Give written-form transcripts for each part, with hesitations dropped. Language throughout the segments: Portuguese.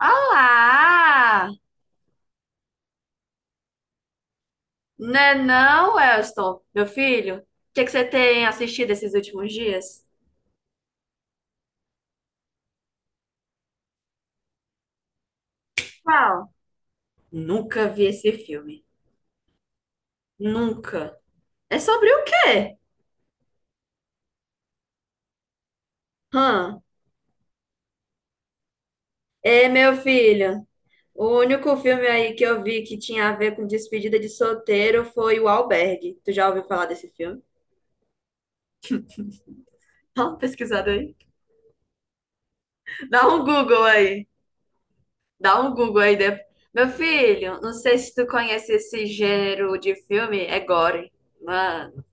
Olá! Né não, Elston, meu filho? O que é que você tem assistido esses últimos dias? Qual? Nunca vi esse filme. Nunca. É sobre o quê? Hã? É, meu filho, o único filme aí que eu vi que tinha a ver com despedida de solteiro foi O Albergue. Tu já ouviu falar desse filme? Dá uma pesquisada aí. Dá um Google aí. Dá um Google aí. Meu filho, não sei se tu conhece esse gênero de filme, é gore. Mano.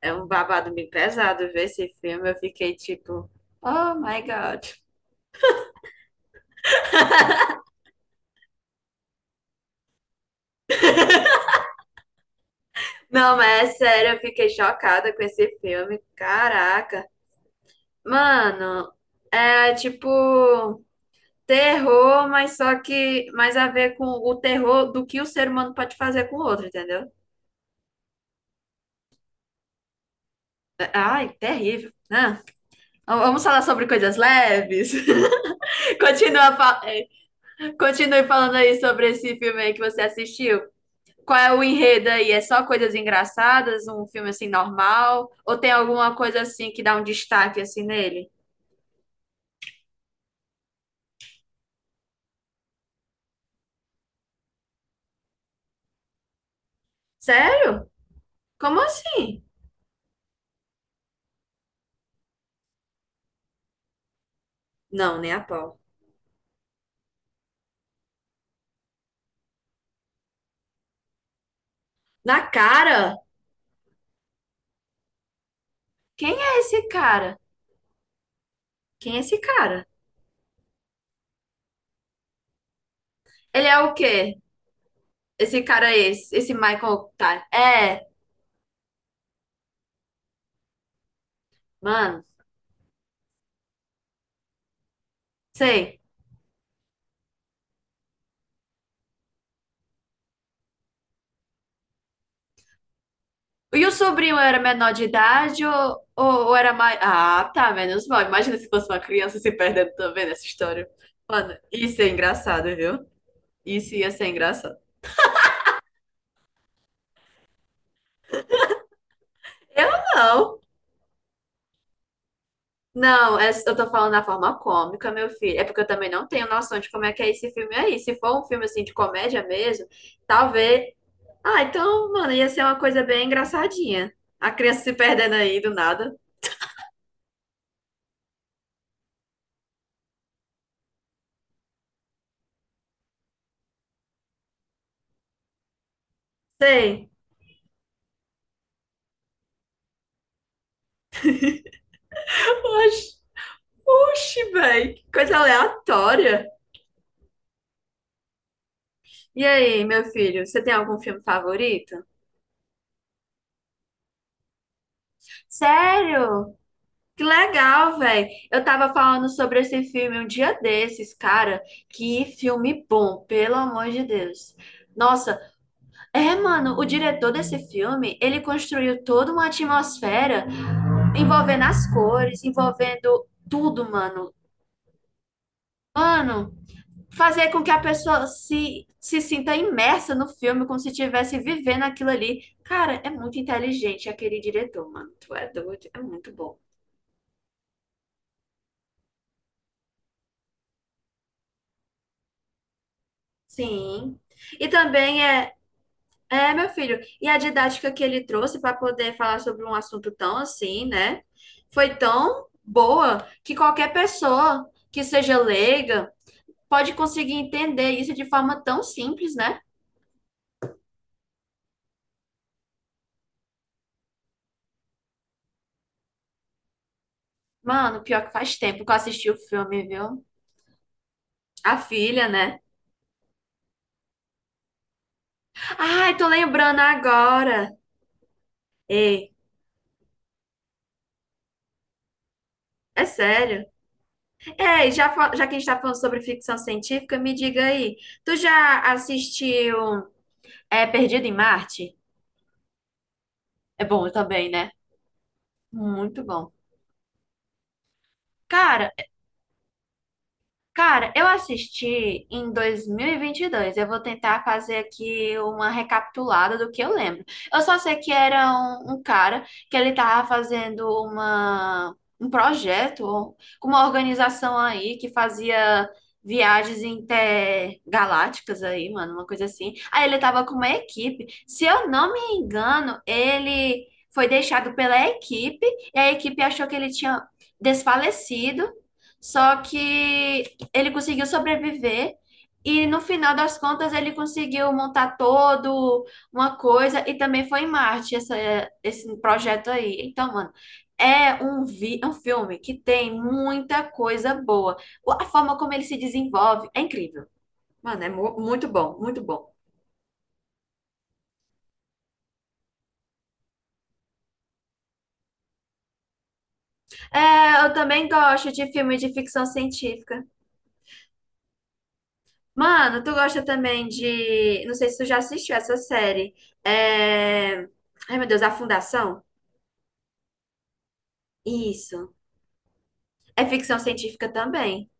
É um babado bem pesado ver esse filme. Eu fiquei tipo, oh my God. Não, mas é sério, eu fiquei chocada com esse filme. Caraca. Mano, é tipo terror, mas só que mais a ver com o terror do que o ser humano pode fazer com o outro, entendeu? Ai, terrível, né? Vamos falar sobre coisas leves. Continua, fa- eh, Continue falando aí sobre esse filme aí que você assistiu. Qual é o enredo aí? É só coisas engraçadas, um filme assim normal? Ou tem alguma coisa assim que dá um destaque assim nele? Sério? Como assim? Não, nem a pau. Na cara? Quem é esse cara? Quem é esse cara? Ele é o quê? Esse cara é esse Michael, tá. É, mano, sei. E o sobrinho era menor de idade ou era mais. Ah, tá, menos mal. Imagina se fosse uma criança se perdendo também nessa história. Mano, isso é engraçado, viu? Isso ia ser engraçado. Eu não. Não, eu tô falando da forma cômica, meu filho. É porque eu também não tenho noção de como é que é esse filme aí. Se for um filme assim de comédia mesmo, talvez. Ah, então, mano, ia ser uma coisa bem engraçadinha. A criança se perdendo aí do nada. Sei. Oxi, oxi, velho. Que coisa aleatória. E aí, meu filho, você tem algum filme favorito? Sério? Que legal, velho. Eu tava falando sobre esse filme um dia desses, cara. Que filme bom, pelo amor de Deus. Nossa, é, mano, o diretor desse filme, ele construiu toda uma atmosfera envolvendo as cores, envolvendo tudo, mano. Mano, fazer com que a pessoa se sinta imersa no filme, como se estivesse vivendo aquilo ali. Cara, é muito inteligente aquele diretor, mano. Tu é doido, é muito bom. Sim. E também é. É, meu filho. E a didática que ele trouxe para poder falar sobre um assunto tão assim, né? Foi tão boa que qualquer pessoa que seja leiga pode conseguir entender isso de forma tão simples, né? Mano, pior que faz tempo que eu assisti o filme, viu? A filha, né? Ai, tô lembrando agora. Ei, é sério. Ei, já que a gente tá falando sobre ficção científica, me diga aí. Tu já assistiu, Perdido em Marte? É bom também, né? Muito bom. Cara, Cara, eu assisti em dois mil e vinte e dois. Eu vou tentar fazer aqui uma recapitulada do que eu lembro. Eu só sei que era um cara que ele tava fazendo um projeto com uma organização aí que fazia viagens intergalácticas aí, mano, uma coisa assim. Aí ele tava com uma equipe. Se eu não me engano, ele foi deixado pela equipe e a equipe achou que ele tinha desfalecido. Só que ele conseguiu sobreviver e no final das contas ele conseguiu montar todo uma coisa e também foi em Marte esse projeto aí. Então, mano, é um filme que tem muita coisa boa. A forma como ele se desenvolve é incrível. Mano, é muito bom, muito bom. É, eu também gosto de filme de ficção científica. Mano, tu gosta também de. Não sei se tu já assistiu essa série. É... Ai, meu Deus, A Fundação? Isso. É ficção científica também,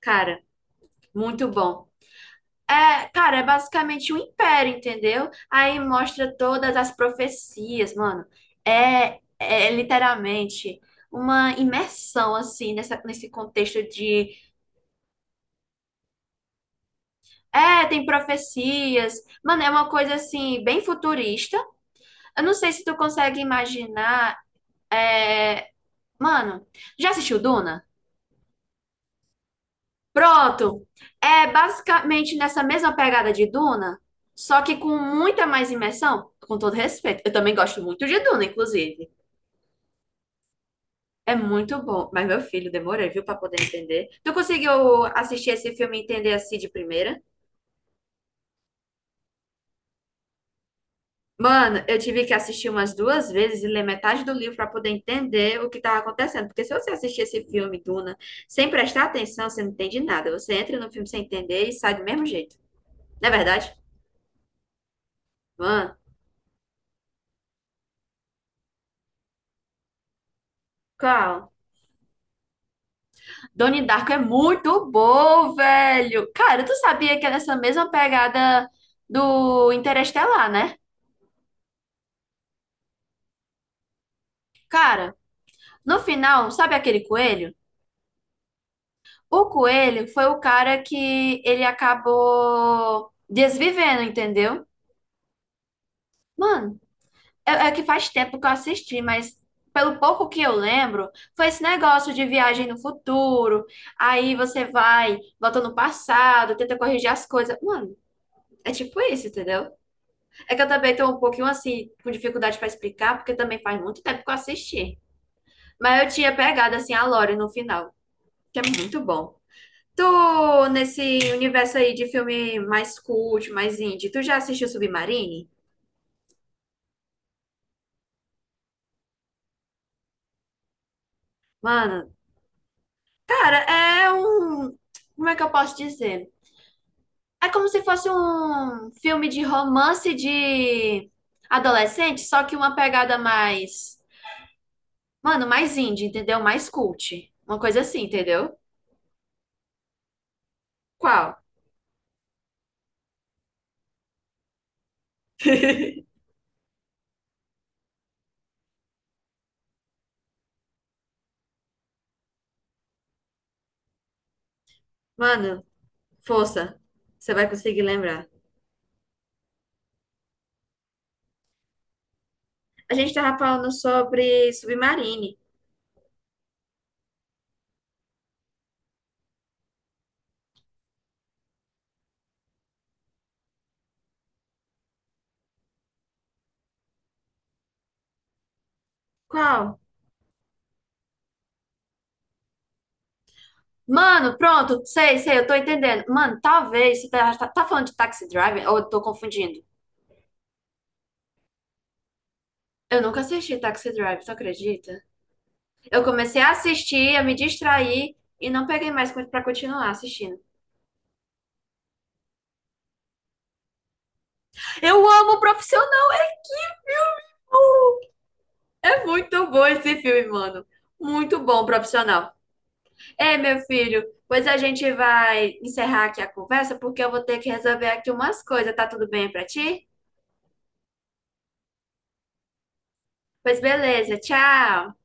cara, muito bom. É, cara, é basicamente um império, entendeu? Aí mostra todas as profecias, mano. É literalmente uma imersão, assim, nesse contexto de. É, tem profecias. Mano, é uma coisa, assim, bem futurista. Eu não sei se tu consegue imaginar. é, Mano, já assistiu Duna? Pronto. É basicamente nessa mesma pegada de Duna, só que com muita mais imersão, com todo respeito. Eu também gosto muito de Duna, inclusive. É muito bom. Mas, meu filho, demorei, viu, pra poder entender. Tu conseguiu assistir esse filme e entender assim de primeira? Mano, eu tive que assistir umas duas vezes e ler metade do livro pra poder entender o que tava acontecendo. Porque se você assistir esse filme, Duna, sem prestar atenção, você não entende nada. Você entra no filme sem entender e sai do mesmo jeito. Não é verdade? Mano, qual? Donnie Darko é muito bom, velho. Cara, tu sabia que é nessa mesma pegada do Interestelar, né? Cara, no final, sabe aquele coelho? O coelho foi o cara que ele acabou desvivendo, entendeu? Mano, é que faz tempo que eu assisti, mas pelo pouco que eu lembro, foi esse negócio de viagem no futuro. Aí você vai, volta no passado, tenta corrigir as coisas. Mano, é tipo isso, entendeu? É que eu também tô um pouquinho assim, com dificuldade para explicar, porque também faz muito tempo que eu assisti. Mas eu tinha pegado assim a Lore no final, que é muito bom. Tu, Nesse universo aí de filme mais cult, mais indie, tu já assistiu Submarine? Mano, cara, é um. Como é que eu posso dizer? É como se fosse um filme de romance de adolescente, só que uma pegada mais. Mano, mais indie, entendeu? Mais cult. Uma coisa assim, entendeu? Qual? Mano, força. Você vai conseguir lembrar. A gente tava falando sobre Submarine. Qual? Mano, pronto. Sei, sei, eu tô entendendo. Mano, talvez você tá falando de Taxi Driver, ou eu tô confundindo? Eu nunca assisti Taxi Driver, tu acredita? Eu comecei a assistir, a me distrair e não peguei mais pra continuar assistindo. Eu amo O Profissional! É muito bom esse filme, mano. Muito bom, Profissional. Ei, meu filho, pois a gente vai encerrar aqui a conversa porque eu vou ter que resolver aqui umas coisas, tá tudo bem pra ti? Pois beleza, tchau.